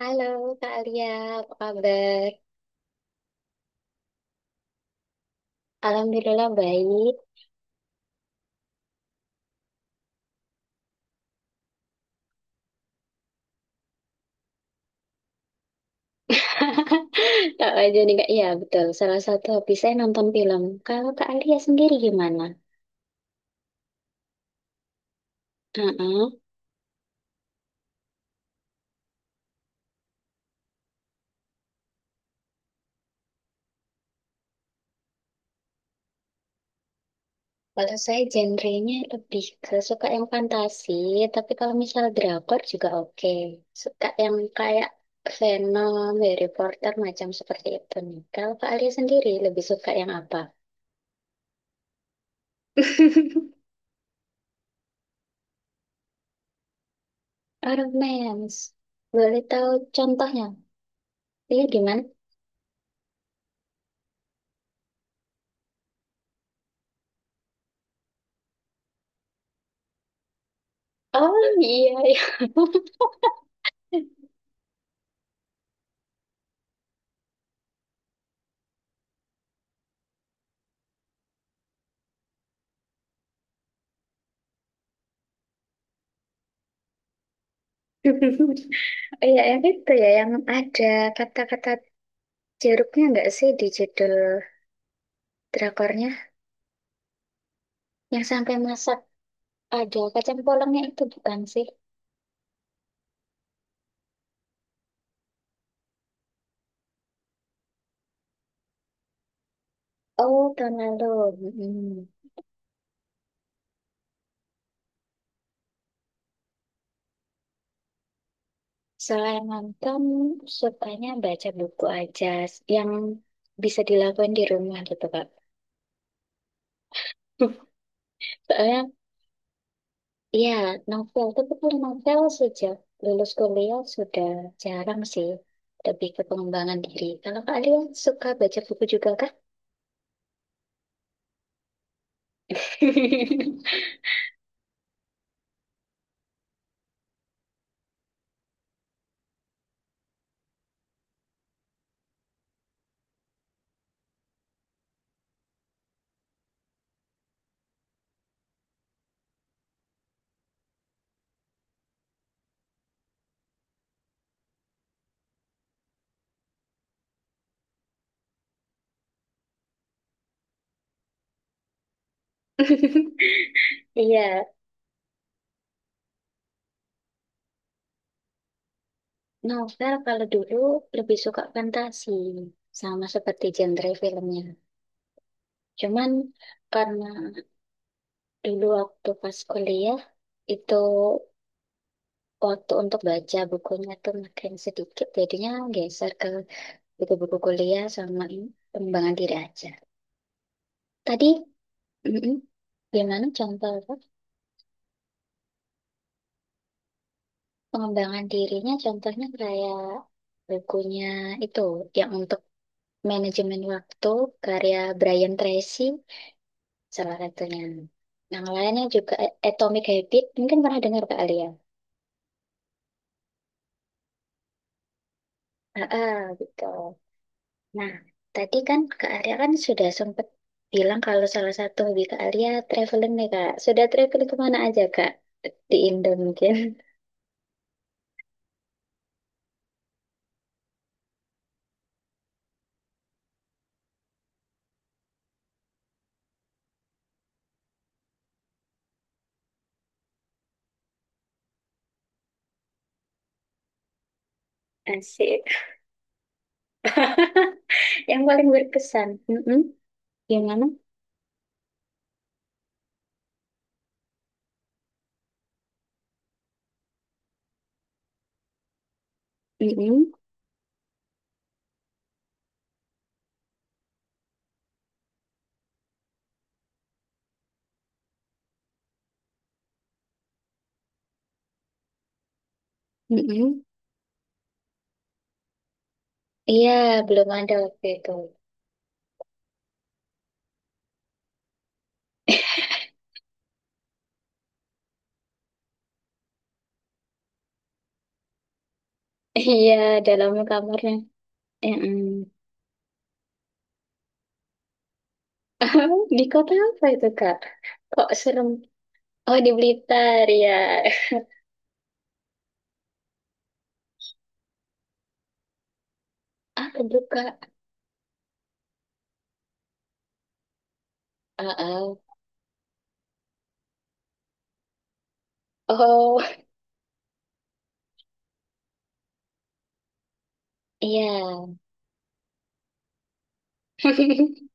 Halo Kak Alia, apa kabar? Alhamdulillah baik. Kak aja nih Kak, ya betul. Salah satu hobi saya nonton film. Kalau Kak Alia sendiri gimana? Heeh. Kalau saya genrenya lebih ke suka yang fantasi, tapi kalau misal drakor juga oke. Suka yang kayak Venom, Harry Potter, macam seperti itu nih. Kalau Kak Alia sendiri lebih suka yang apa? Romance. Boleh tahu contohnya? Iya gimana? Oh iya, iya. Oh, iya yang itu ya yang ada kata-kata jeruknya nggak sih di judul drakornya? Yang sampai masak ada kacang polongnya itu bukan sih? Oh tahun lalu. Mm. Selain nonton, sukanya baca buku aja yang bisa dilakukan di rumah gitu Kak. Soalnya iya, novel. Tapi kalau novel sejak lulus kuliah sudah jarang sih. Lebih ke pengembangan diri. Kalau kalian suka baca buku juga kah? Iya, novel kalau dulu lebih suka fantasi. Sama seperti genre filmnya. Cuman karena dulu waktu pas kuliah itu waktu untuk baca bukunya tuh makin sedikit. Jadinya geser ke buku-buku kuliah sama pengembangan diri aja. Tadi mm-mm. Gimana contoh apa? Pengembangan dirinya contohnya kayak bukunya itu yang untuk manajemen waktu karya Brian Tracy salah satunya. Yang lainnya juga Atomic Habit mungkin pernah dengar Kak Alia. Ah, ah, gitu. Nah, tadi kan Kak Alia kan sudah sempat bilang kalau salah satu hobi Kak Alia traveling nih Kak. Sudah traveling kemana aja Kak? Di Indo mungkin. Asik. Yang paling berkesan. Mm-mm. Gimana? Mm-mm. Mm-mm. Iya, belum ada waktu itu. Iya, dalam kamarnya. Mm-mm. Di kota apa itu, Kak? Kok serem? Oh, di Blitar, ya. Ah, kebuka. Ah, ah. Oh, iya.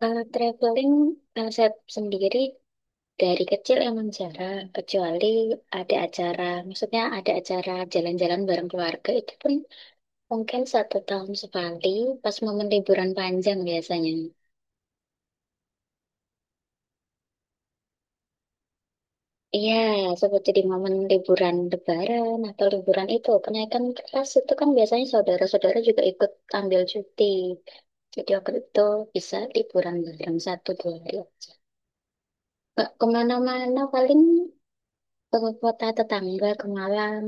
Kalau traveling, kalau sendiri dari kecil emang jarang, kecuali ada acara, maksudnya ada acara jalan-jalan bareng keluarga, itu pun mungkin satu tahun sekali pas momen liburan panjang biasanya. Iya, seperti di momen liburan Lebaran atau liburan itu, kenaikan kelas itu kan biasanya saudara-saudara juga ikut ambil cuti. Jadi waktu itu bisa liburan bareng satu dua hari aja. Nggak kemana-mana paling ke kota tetangga, ke Malang.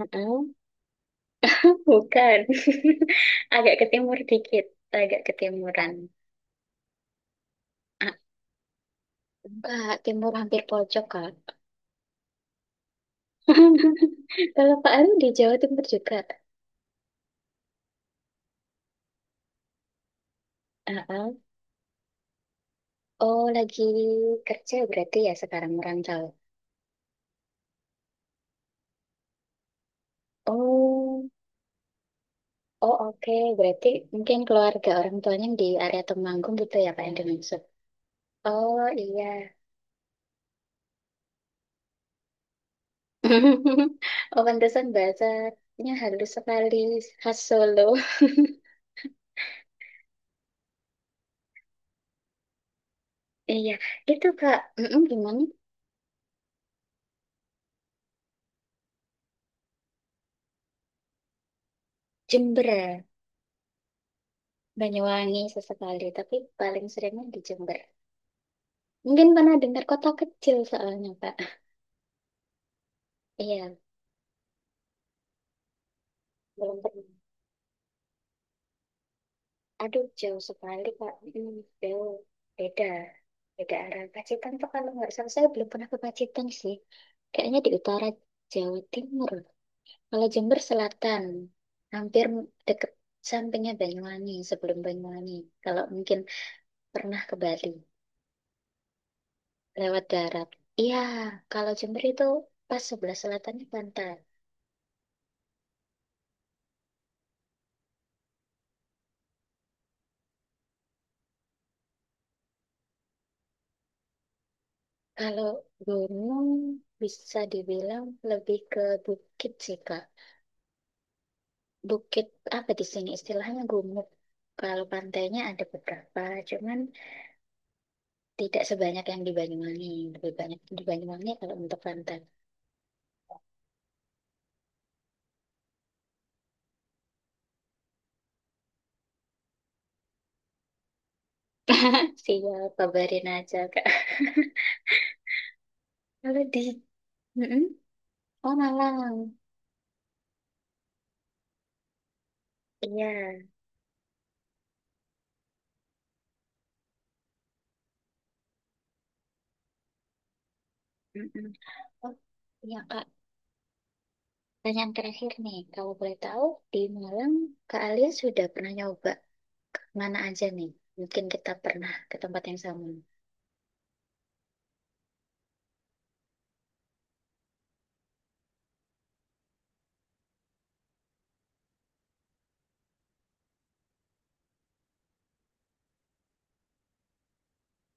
Uh-uh. Bukan, agak ke timur dikit, agak ke timuran. Ah, enggak, timur hampir pojok kak. Kalau Pak Aru di Jawa Timur juga. Ah, oh, lagi kerja berarti ya sekarang merantau. Oh, oh oke. Berarti mungkin keluarga orang tuanya di area Temanggung gitu ya Pak yang dimaksud. Oh iya. Oh, pantesan bahasanya halus sekali khas Solo. Iya, itu Kak. Mm-mm, gimana? Jember, Banyuwangi sesekali, tapi paling seringnya di Jember. Mungkin pernah dengar kota kecil soalnya Pak. Iya. Belum pernah. Aduh, jauh sekali, Kak. Hmm, jauh. Beda. Beda arah. Pacitan tuh kalau nggak salah, saya belum pernah ke Pacitan sih. Kayaknya di utara Jawa Timur. Kalau Jember Selatan, hampir deket sampingnya Banyuwangi, sebelum Banyuwangi. Kalau mungkin pernah ke Bali, lewat darat. Iya, kalau Jember itu pas sebelah selatannya pantai. Kalau gunung bisa dibilang lebih ke bukit sih, Kak. Bukit apa di sini istilahnya gumuk. Kalau pantainya ada beberapa, cuman tidak sebanyak yang di Banyuwangi. Lebih banyak di Banyuwangi kalau untuk pantai. Siap, kabarin aja, Kak. Kalau di mm-mm. Oh, Malang. Iya. Mm-mm. Oh, iya, Kak. Pertanyaan terakhir nih, kalau boleh tahu di Malang Kak Alia sudah pernah nyoba mana aja nih? Mungkin kita pernah ke tempat yang sama.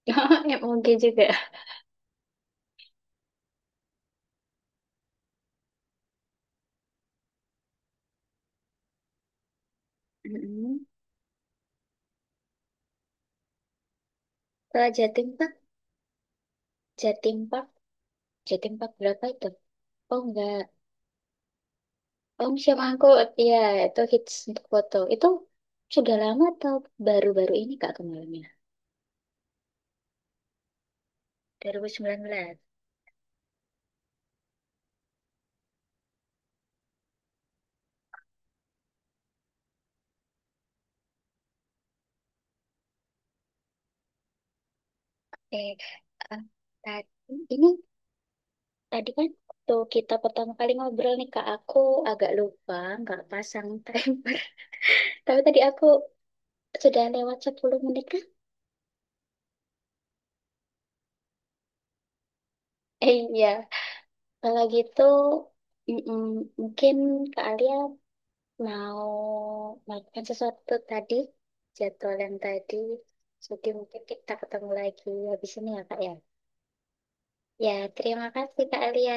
Ya, oke juga. Mm-mm. Kalau Jatim Park, Jatim Park jadi empat berapa itu? Oh enggak. Oh siap angkut. Ya, itu hits untuk foto. Itu sudah lama atau baru-baru ini Kak kemarinnya? 2019. Eh, eh, tadi ini tadi kan waktu kita pertama kali ngobrol nih Kak, aku agak lupa nggak pasang timer. Tapi tadi aku sudah lewat 10 menit kan? Eh, iya. Kalau gitu mm-mm, mungkin Kak Alia mau makan sesuatu tadi, jadwal yang tadi. Jadi mungkin kita ketemu lagi habis ini ya, Kak ya. Ya, terima kasih Kak Alia.